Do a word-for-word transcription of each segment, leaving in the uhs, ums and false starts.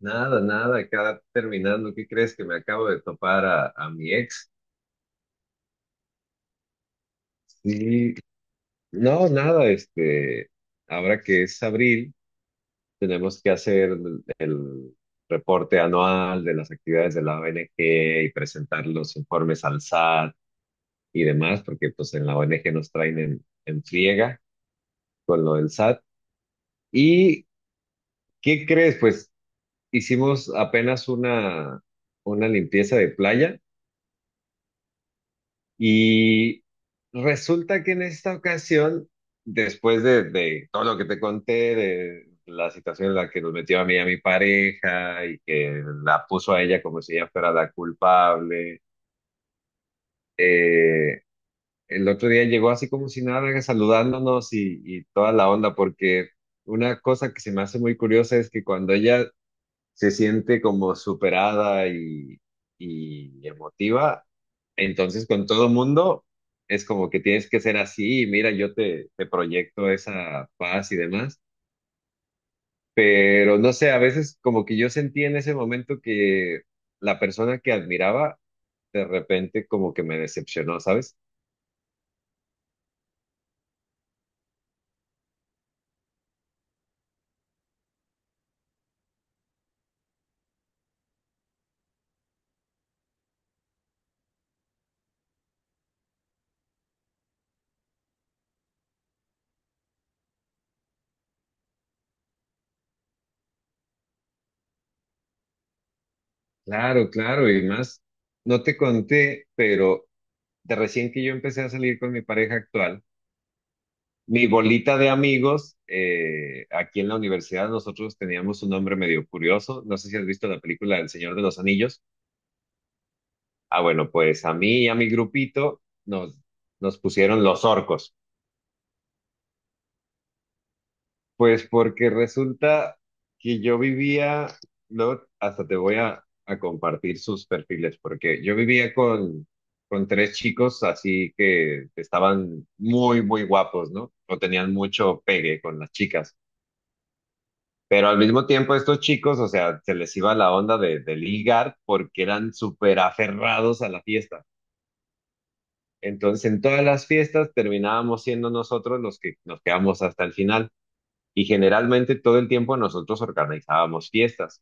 Nada, nada, acá terminando, ¿qué crees que me acabo de topar a, a mi ex? Sí, no, nada, este, ahora que es abril, tenemos que hacer el reporte anual de las actividades de la O N G y presentar los informes al SAT y demás, porque pues en la O N G nos traen en, en friega con lo del SAT. ¿Y qué crees? Pues hicimos apenas una, una limpieza de playa. Y resulta que en esta ocasión, después de, de todo lo que te conté, de la situación en la que nos metió a mí y a mi pareja y que la puso a ella como si ella fuera la culpable, eh, el otro día llegó así como si nada, saludándonos y, y toda la onda, porque una cosa que se me hace muy curiosa es que cuando ella se siente como superada y, y emotiva, entonces con todo mundo es como que tienes que ser así y mira, yo te, te proyecto esa paz y demás, pero no sé, a veces como que yo sentí en ese momento que la persona que admiraba de repente como que me decepcionó, ¿sabes? Claro, claro, y más, no te conté, pero de recién que yo empecé a salir con mi pareja actual. Mi bolita de amigos, eh, aquí en la universidad nosotros teníamos un nombre medio curioso. No sé si has visto la película El Señor de los Anillos. Ah, bueno, pues a mí y a mi grupito nos, nos pusieron los orcos. Pues porque resulta que yo vivía, no, hasta te voy a, a compartir sus perfiles, porque yo vivía con, con tres chicos así que estaban muy, muy guapos, ¿no? O tenían mucho pegue con las chicas. Pero al mismo tiempo estos chicos, o sea, se les iba la onda de, de ligar porque eran súper aferrados a la fiesta. Entonces, en todas las fiestas terminábamos siendo nosotros los que nos quedamos hasta el final. Y generalmente todo el tiempo nosotros organizábamos fiestas.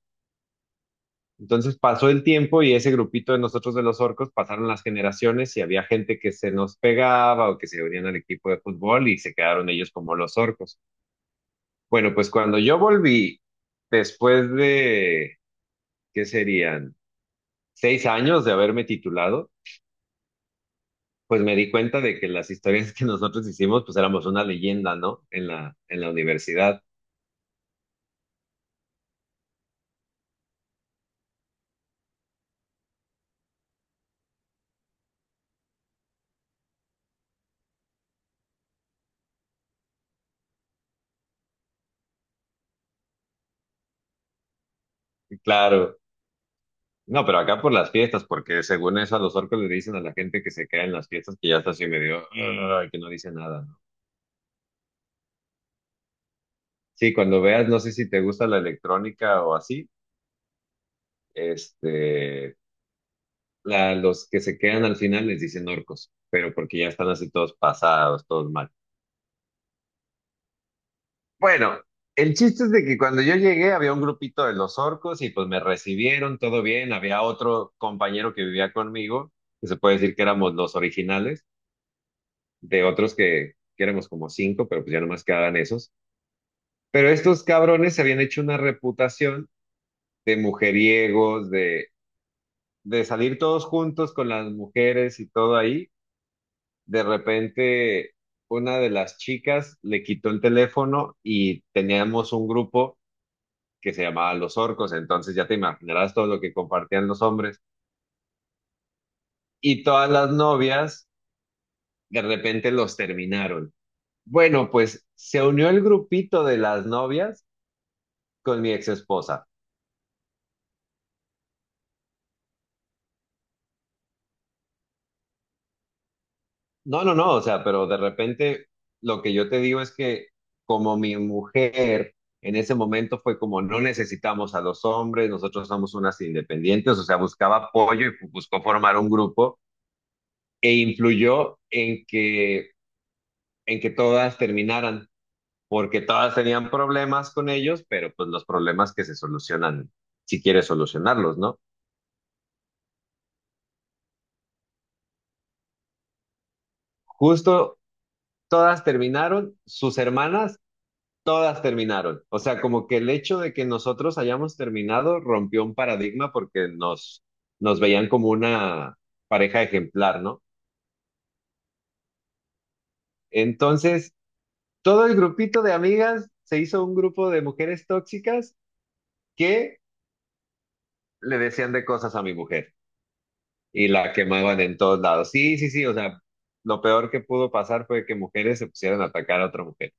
Entonces pasó el tiempo y ese grupito de nosotros de los orcos pasaron las generaciones y había gente que se nos pegaba o que se unían al equipo de fútbol y se quedaron ellos como los orcos. Bueno, pues cuando yo volví, después de, ¿qué serían? Seis años de haberme titulado, pues me di cuenta de que las historias que nosotros hicimos, pues éramos una leyenda, ¿no? En la, en la universidad. Y claro. No, pero acá por las fiestas, porque según eso a los orcos le dicen a la gente que se queda en las fiestas que ya está así medio, "Ugh", que no dice nada, ¿no? Sí, cuando veas, no sé si te gusta la electrónica o así, este, la, los que se quedan al final les dicen orcos, pero porque ya están así todos pasados, todos. Bueno, el chiste es de que cuando yo llegué había un grupito de los orcos y pues me recibieron todo bien. Había otro compañero que vivía conmigo, que se puede decir que éramos los originales, de otros que, que éramos como cinco, pero pues ya nomás quedaban esos. Pero estos cabrones se habían hecho una reputación de mujeriegos, de, de salir todos juntos con las mujeres y todo ahí. De repente, una de las chicas le quitó el teléfono y teníamos un grupo que se llamaban Los Orcos, entonces ya te imaginarás todo lo que compartían los hombres. Y todas las novias de repente los terminaron. Bueno, pues se unió el grupito de las novias con mi ex esposa. No, no, no, o sea, pero de repente lo que yo te digo es que como mi mujer en ese momento fue como no necesitamos a los hombres, nosotros somos unas independientes, o sea, buscaba apoyo y buscó formar un grupo e influyó en que en que todas terminaran porque todas tenían problemas con ellos, pero pues los problemas que se solucionan, si quieres solucionarlos, ¿no? Justo todas terminaron, sus hermanas, todas terminaron. O sea, como que el hecho de que nosotros hayamos terminado rompió un paradigma porque nos, nos veían como una pareja ejemplar, ¿no? Entonces, todo el grupito de amigas se hizo un grupo de mujeres tóxicas que le decían de cosas a mi mujer y la quemaban en todos lados. Sí, sí, sí, o sea, lo peor que pudo pasar fue que mujeres se pusieran a atacar a otra mujer.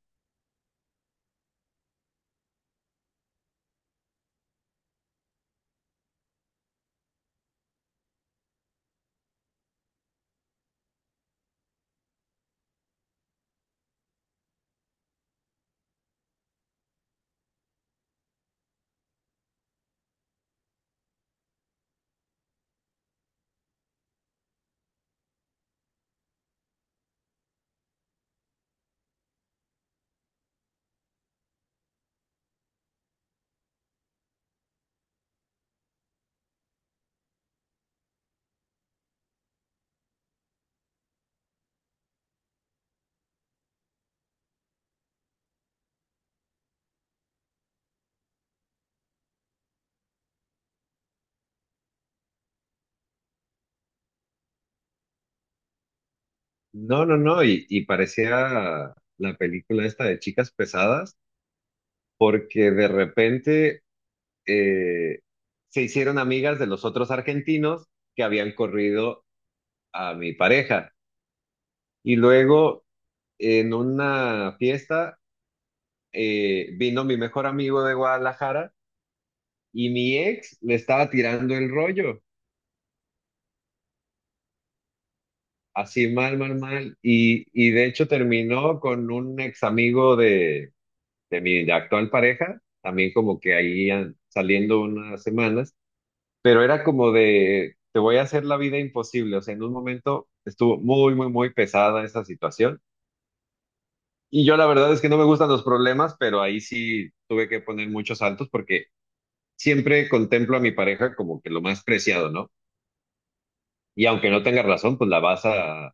No, no, no, y, y parecía la película esta de chicas pesadas, porque de repente eh, se hicieron amigas de los otros argentinos que habían corrido a mi pareja. Y luego en una fiesta eh, vino mi mejor amigo de Guadalajara y mi ex le estaba tirando el rollo. Así mal, mal, mal. Y, y de hecho terminó con un ex amigo de, de mi actual pareja, también como que ahí an- saliendo unas semanas, pero era como de, te voy a hacer la vida imposible. O sea, en un momento estuvo muy, muy, muy pesada esa situación. Y yo la verdad es que no me gustan los problemas, pero ahí sí tuve que poner muchos saltos porque siempre contemplo a mi pareja como que lo más preciado, ¿no? Y aunque no tenga razón, pues la vas a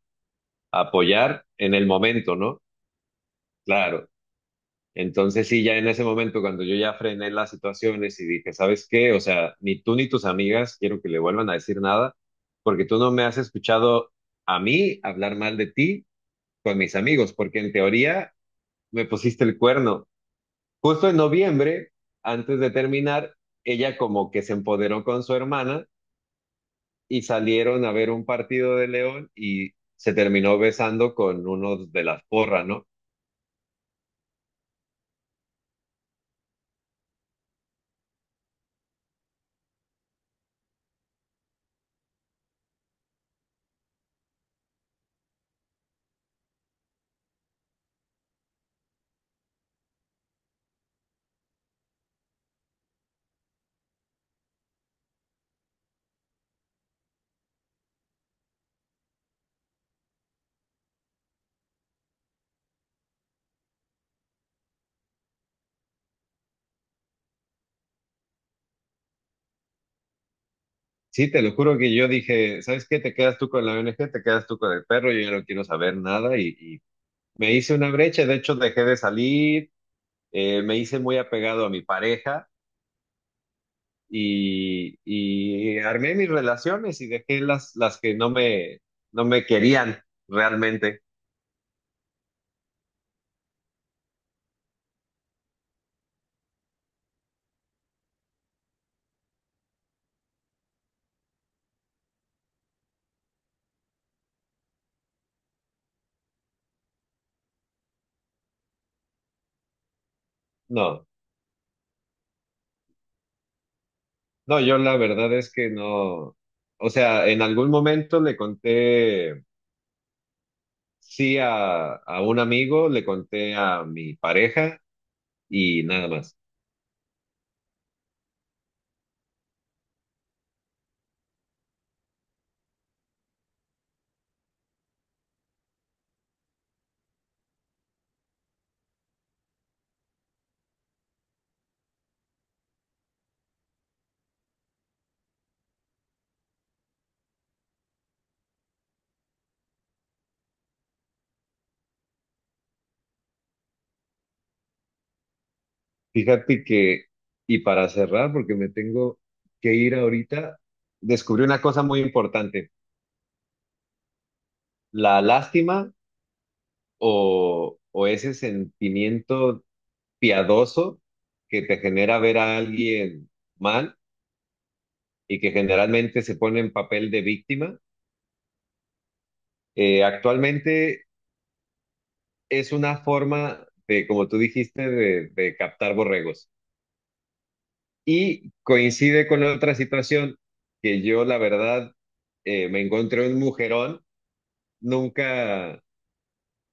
a apoyar en el momento, ¿no? Claro. Entonces sí, ya en ese momento, cuando yo ya frené las situaciones y dije, ¿sabes qué? O sea, ni tú ni tus amigas quiero que le vuelvan a decir nada, porque tú no me has escuchado a mí hablar mal de ti con mis amigos, porque en teoría me pusiste el cuerno. Justo en noviembre, antes de terminar, ella como que se empoderó con su hermana y salieron a ver un partido de León y se terminó besando con uno de las porras, ¿no? Sí, te lo juro que yo dije, ¿sabes qué? Te quedas tú con la O N G, te quedas tú con el perro, yo ya no quiero saber nada y, y me hice una brecha, de hecho dejé de salir, eh, me hice muy apegado a mi pareja y, y armé mis relaciones y dejé las, las que no me, no me querían realmente. No, no, yo la verdad es que no, o sea, en algún momento le conté sí a, a un amigo, le conté a mi pareja y nada más. Fíjate que, y para cerrar, porque me tengo que ir ahorita, descubrí una cosa muy importante, la lástima o, o ese sentimiento piadoso que te genera ver a alguien mal y que generalmente se pone en papel de víctima, eh, actualmente es una forma de, como tú dijiste, de, de captar borregos. Y coincide con otra situación que yo, la verdad, eh, me encontré un mujerón. Nunca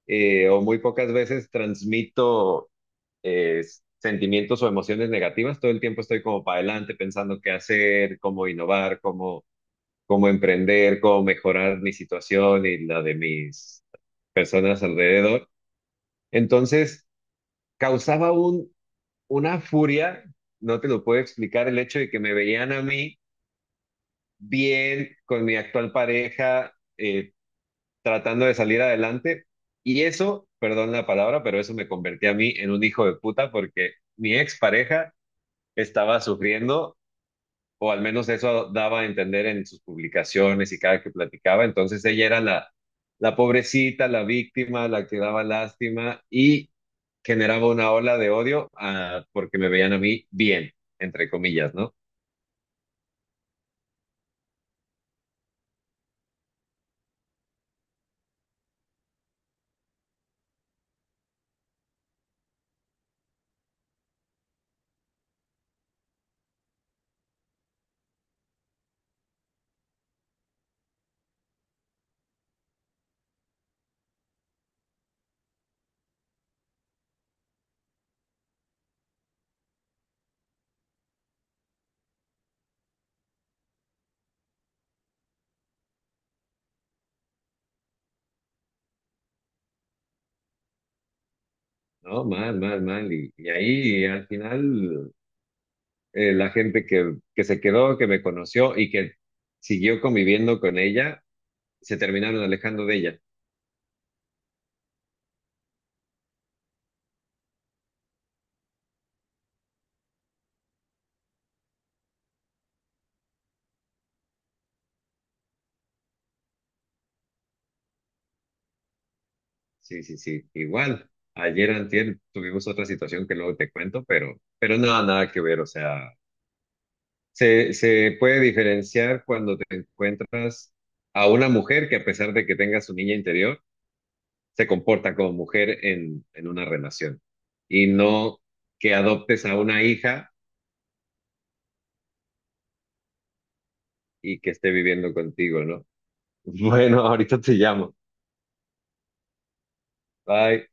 eh, o muy pocas veces transmito eh, sentimientos o emociones negativas. Todo el tiempo estoy como para adelante pensando qué hacer, cómo innovar, cómo, cómo emprender, cómo mejorar mi situación y la de mis personas alrededor. Entonces, causaba un, una furia, no te lo puedo explicar, el hecho de que me veían a mí bien con mi actual pareja. Eh, tratando de salir adelante. Y eso, perdón la palabra, pero eso me convertía a mí en un hijo de puta porque mi expareja estaba sufriendo, o al menos eso daba a entender en sus publicaciones y cada que platicaba. Entonces ella era la, la pobrecita, la víctima, la que daba lástima y generaba una ola de odio, ah, porque me veían a mí bien, entre comillas, ¿no? No, mal, mal, mal. Y, y ahí al final eh, la gente que, que se quedó, que me conoció y que siguió conviviendo con ella, se terminaron alejando de ella. Sí, sí, sí, igual. Ayer antier tuvimos otra situación que luego te cuento, pero, pero nada, nada que ver. O sea, se, se puede diferenciar cuando te encuentras a una mujer que a pesar de que tenga su niña interior, se comporta como mujer en, en una relación y no que adoptes a una hija y que esté viviendo contigo, ¿no? Bueno, ahorita te llamo. Bye.